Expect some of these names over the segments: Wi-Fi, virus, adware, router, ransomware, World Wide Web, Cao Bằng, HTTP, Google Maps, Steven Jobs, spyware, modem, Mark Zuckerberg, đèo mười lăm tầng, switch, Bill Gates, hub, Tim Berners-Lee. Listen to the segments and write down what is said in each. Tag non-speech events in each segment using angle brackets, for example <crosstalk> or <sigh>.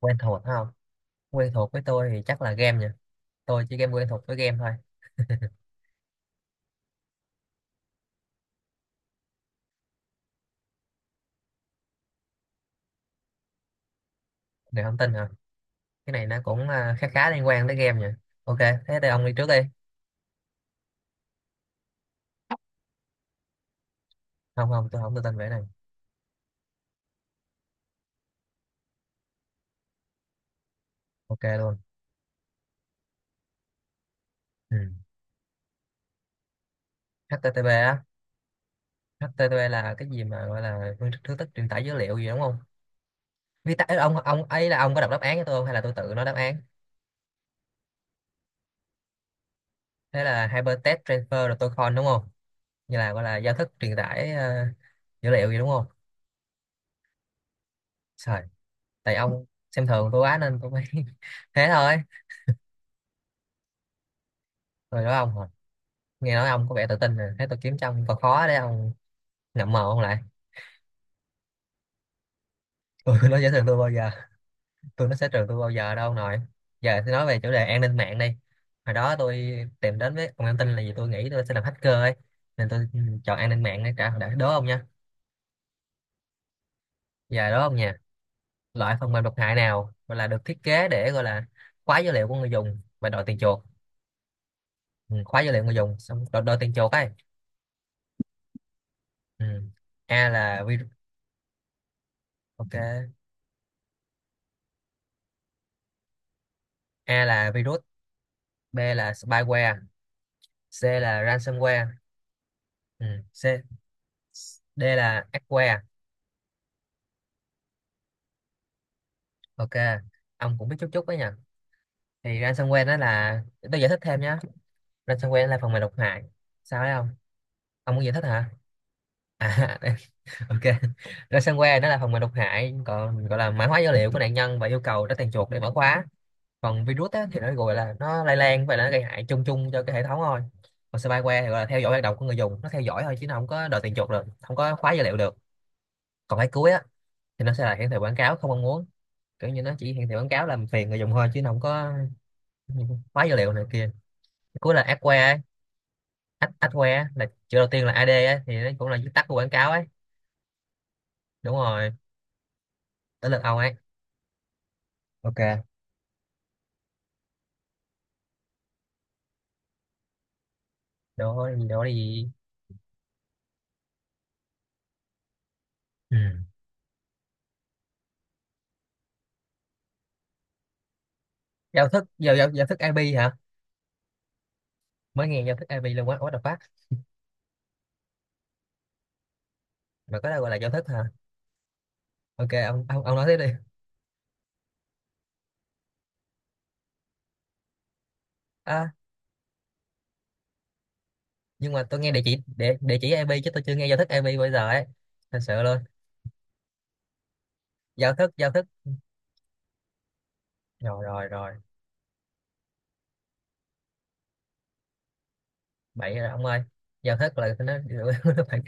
Quen thuộc phải không? Quen thuộc với tôi thì chắc là game nha. Tôi chỉ game quen thuộc với game thôi. Người không tin hả? Cái này nó cũng khá khá liên quan tới game nha. Ok, thế thì ông đi trước đi. Không không, tôi không tự tin về cái này. Ok luôn. ừ. HTTP á. HTTP là cái gì mà gọi là phương thức thứ tức truyền tải dữ liệu gì đúng không? Viết tắt ấy, ông ấy là ông có đọc đáp án cho tôi không hay là tôi tự nói đáp án? Thế là hypertext transfer protocol đúng không? Như là gọi là giao thức truyền tải dữ liệu gì đúng không? Trời, tại ông xem thường tôi quá nên tôi mới <laughs> thế thôi. Rồi đó ông, nghe nói ông có vẻ tự tin nè, thấy tôi kiếm cho ông còn khó đấy ông. Ngậm mồm ông lại. <laughs> Tôi nó sẽ trường tôi bao giờ, tôi nó sẽ trường tôi bao giờ đâu ông nội. Giờ thì nói về chủ đề an ninh mạng đi. Hồi đó tôi tìm đến với ông an tin là vì tôi nghĩ tôi sẽ làm hacker ấy, nên tôi chọn an ninh mạng để trả đã đố ông nha. Giờ đố ông nha, loại phần mềm độc hại nào gọi là được thiết kế để gọi là khóa dữ liệu của người dùng và đòi tiền chuộc. Ừ, Khóa dữ liệu người dùng xong đòi tiền chuộc ấy. Ừ. A là virus. Ok, A là virus, B là spyware, C là ransomware. Ừ. C. D là Aqua. Ok, ông cũng biết chút chút đấy nhỉ. Thì ransomware nó là, tôi giải thích thêm nhé, ransomware là phần mềm độc hại. Sao đấy ông muốn giải thích hả? à, <laughs> ok. Ransomware nó là phần mềm độc hại, còn gọi là mã hóa dữ liệu của nạn nhân và yêu cầu trả tiền chuộc để mở khóa. Còn virus á, thì nó gọi là nó lây lan và nó gây hại chung chung cho cái hệ thống thôi. Còn spyware thì gọi là theo dõi hoạt động của người dùng, nó theo dõi thôi chứ nó không có đòi tiền chuộc được, không có khóa dữ liệu được. Còn cái cuối á, thì nó sẽ là hiển thị quảng cáo không mong muốn, kiểu như nó chỉ hiển thị quảng cáo làm phiền người dùng thôi chứ nó không có khóa dữ liệu này kia. Cuối là adware ấy, adware á, là chữ đầu tiên là ad ấy, thì nó cũng là viết tắt của quảng cáo ấy. Đúng rồi, tới lượt ông ấy. Ok, đó gì đó gì. ừ. Giao thức IP hả? Mới nghe giao thức IP luôn, quá what the fuck. Mà có đâu gọi là giao thức hả? Ok ông nói tiếp đi. à, nhưng mà tôi nghe địa chỉ địa chỉ IP chứ tôi chưa nghe giao thức IP bao giờ ấy. Thật sự luôn. Giao thức. Rồi rồi rồi Bậy rồi ông ơi, giao thức là nó <laughs> nó phải.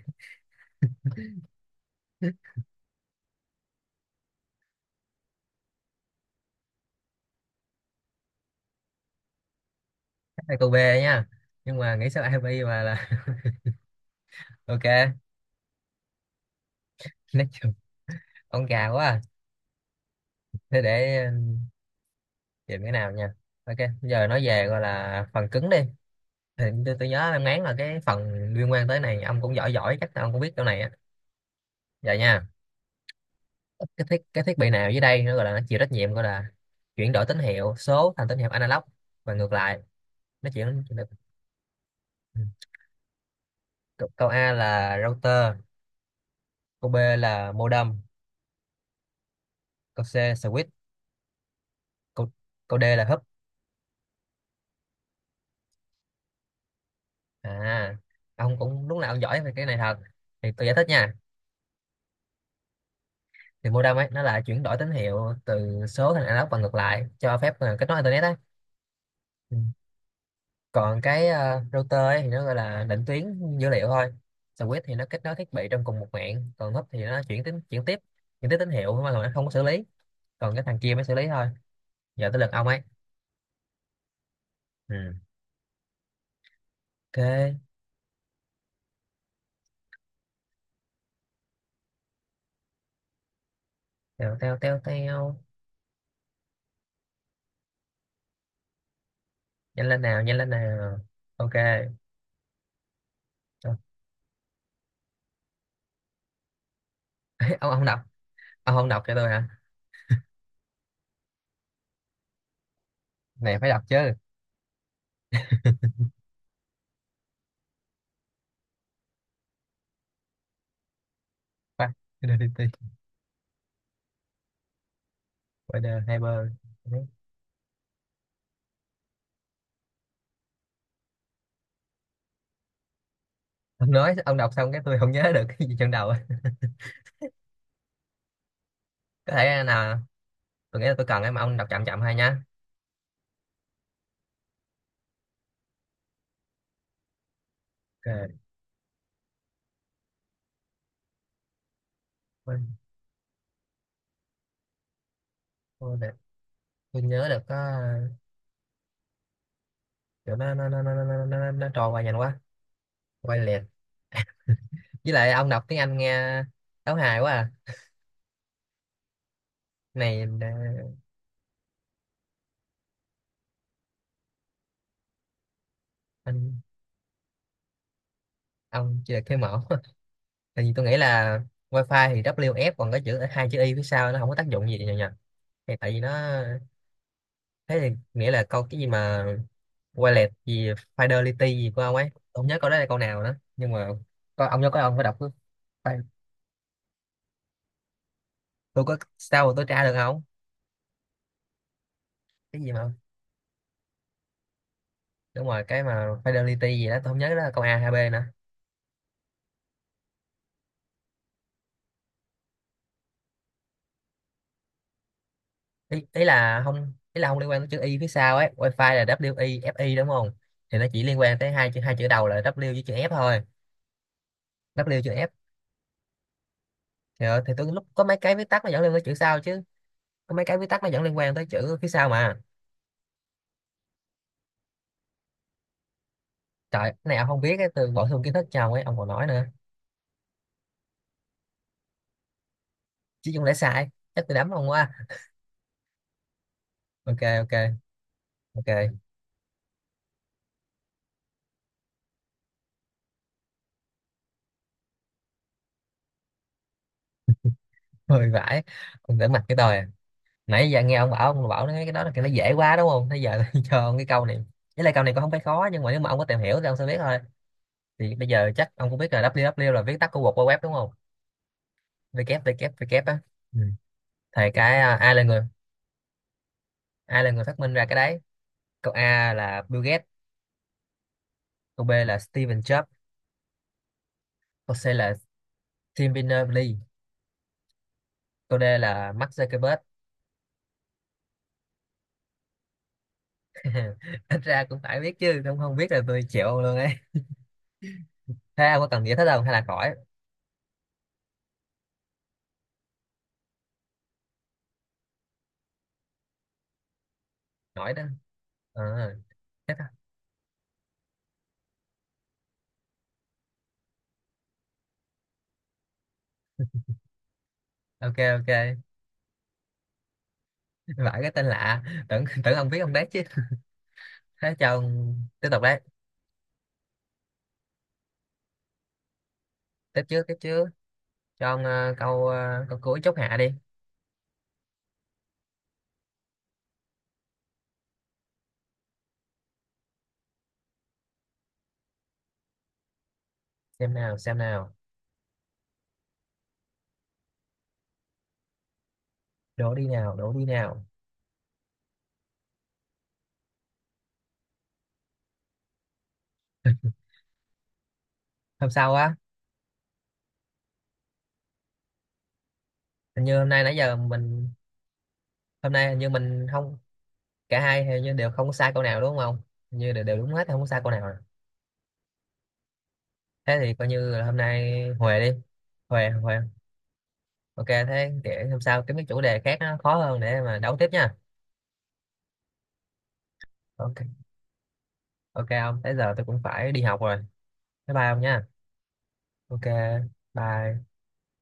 Ai cô B nha, nhưng mà nghĩ sao IP mà là <laughs> ok. Nói chung ông già quá à. Thế để tìm cái nào nha. Ok, giờ nói về gọi là phần cứng đi. Thì tôi nhớ em ngán là cái phần liên quan tới này ông cũng giỏi giỏi, chắc ông cũng biết chỗ này á. Giờ nha, cái thiết bị nào dưới đây nó gọi là nó chịu trách nhiệm gọi là chuyển đổi tín hiệu số thành tín hiệu analog và ngược lại. Nó chuyển. Câu câu A là router, câu B là modem, câu C switch, câu câu D là húp. À, ông cũng lúc nào ông giỏi về cái này thật. Thì tôi giải thích nha. Thì modem ấy nó là chuyển đổi tín hiệu từ số thành analog và ngược lại, cho phép kết nối internet ấy. Ừ. Còn cái router ấy thì nó gọi là định tuyến dữ liệu thôi. Switch thì nó kết nối thiết bị trong cùng một mạng. Còn húp thì nó chuyển tín chuyển tiếp, chuyển tiếp tín hiệu mà nó không có xử lý, còn cái thằng kia mới xử lý thôi. Giờ tới lượt ông ấy. Ừ. Ok. Teo teo teo teo, nhanh lên nào nhanh lên nào. Ok. Ờ, <laughs> ông đọc. Ông không đọc cho tôi hả? Này phải đọc chứ. Qua- identity, wider hyper. Ông nói ông đọc xong cái tôi không nhớ được cái gì trong đầu, có thể nào. Tôi nghĩ là tôi cần ấy, mà ông đọc chậm chậm hay nhá. Ok. tôi, tôi, để- tôi nhớ được có kiểu nó trôi qua nhanh quá, quay liệt. Với lại ông đọc tiếng Anh nghe đấu hài quá à. Này anh, ông chưa được cái mẫu <laughs> tại vì tôi nghĩ là wifi thì WF, còn có chữ hai chữ y phía sau nó không có tác dụng gì nhờ nhờ. Thì tại vì nó, thế thì nghĩa là câu cái gì mà Wallet gì Fidelity gì của ông ấy, tôi không nhớ câu đó là câu nào nữa, nhưng mà có ông nhớ, có ông phải đọc cái. Tôi có sao mà tôi tra được không? Cái gì mà đúng rồi, cái mà Fidelity gì đó, tôi không nhớ đó là câu A hay B nữa. Ý là không, ý là không liên quan tới chữ Y phía sau ấy. Wi-Fi là W I F I đúng không? Thì nó chỉ liên quan tới hai chữ đầu là W với chữ F thôi. W chữ F. Thì, thì tôi lúc có mấy cái viết tắt nó dẫn liên quan tới chữ sau chứ, có mấy cái viết tắt nó dẫn liên quan tới chữ phía sau mà. Trời, cái này ông không biết ấy, tôi bổ sung kiến thức cho ông ấy ông còn nói nữa. Chứ không lẽ sai, chắc tôi đấm ông quá. Ok. Ok. Ok. Hơi vãi, ông đỡ mặt cái tôi à. Nãy giờ nghe ông bảo, ông bảo nói cái đó là cái nó dễ quá đúng không, thế giờ <laughs> tôi cho ông cái câu này. Với lại câu này cũng không phải khó, nhưng mà nếu mà ông có tìm hiểu thì ông sẽ biết thôi. Thì bây giờ chắc ông cũng biết là www là viết tắt của World Wide Web đúng không? Www á. Ừ. Thì cái ai là người, ai là người phát minh ra cái đấy? Câu A là Bill Gates, câu B là Steven Jobs, câu C là Tim Berners-Lee, câu D là Mark Zuckerberg. <laughs> Ít ra cũng phải biết chứ, không không biết là tôi chịu ông luôn ấy. Thế ông có cần giải thích không hay là khỏi? Nổi đó. Ờ, thế thôi. Ok. Ok. Vãi cái tên lạ. Tưởng Tưởng ông biết ông đấy chứ. Thế cho ông tiếp tục đấy. Tiếp trước. Cho ông câu, câu cuối chốt hạ đi. Xem nào. Đổ đi nào. Hôm sau á? Hình như hôm nay nãy giờ mình, hôm nay hình như mình không, cả hai hình như đều không có sai câu nào đúng không? Hình như đều đúng hết, không có sai câu nào. Thế thì coi như là hôm nay huề đi. Huề huề. Ok, thế để hôm sau kiếm cái chủ đề khác nó khó hơn để mà đấu tiếp nha. Ok. Ok ông, tới giờ tôi cũng phải đi học rồi. Bye bye ông nha. Ok. Bye.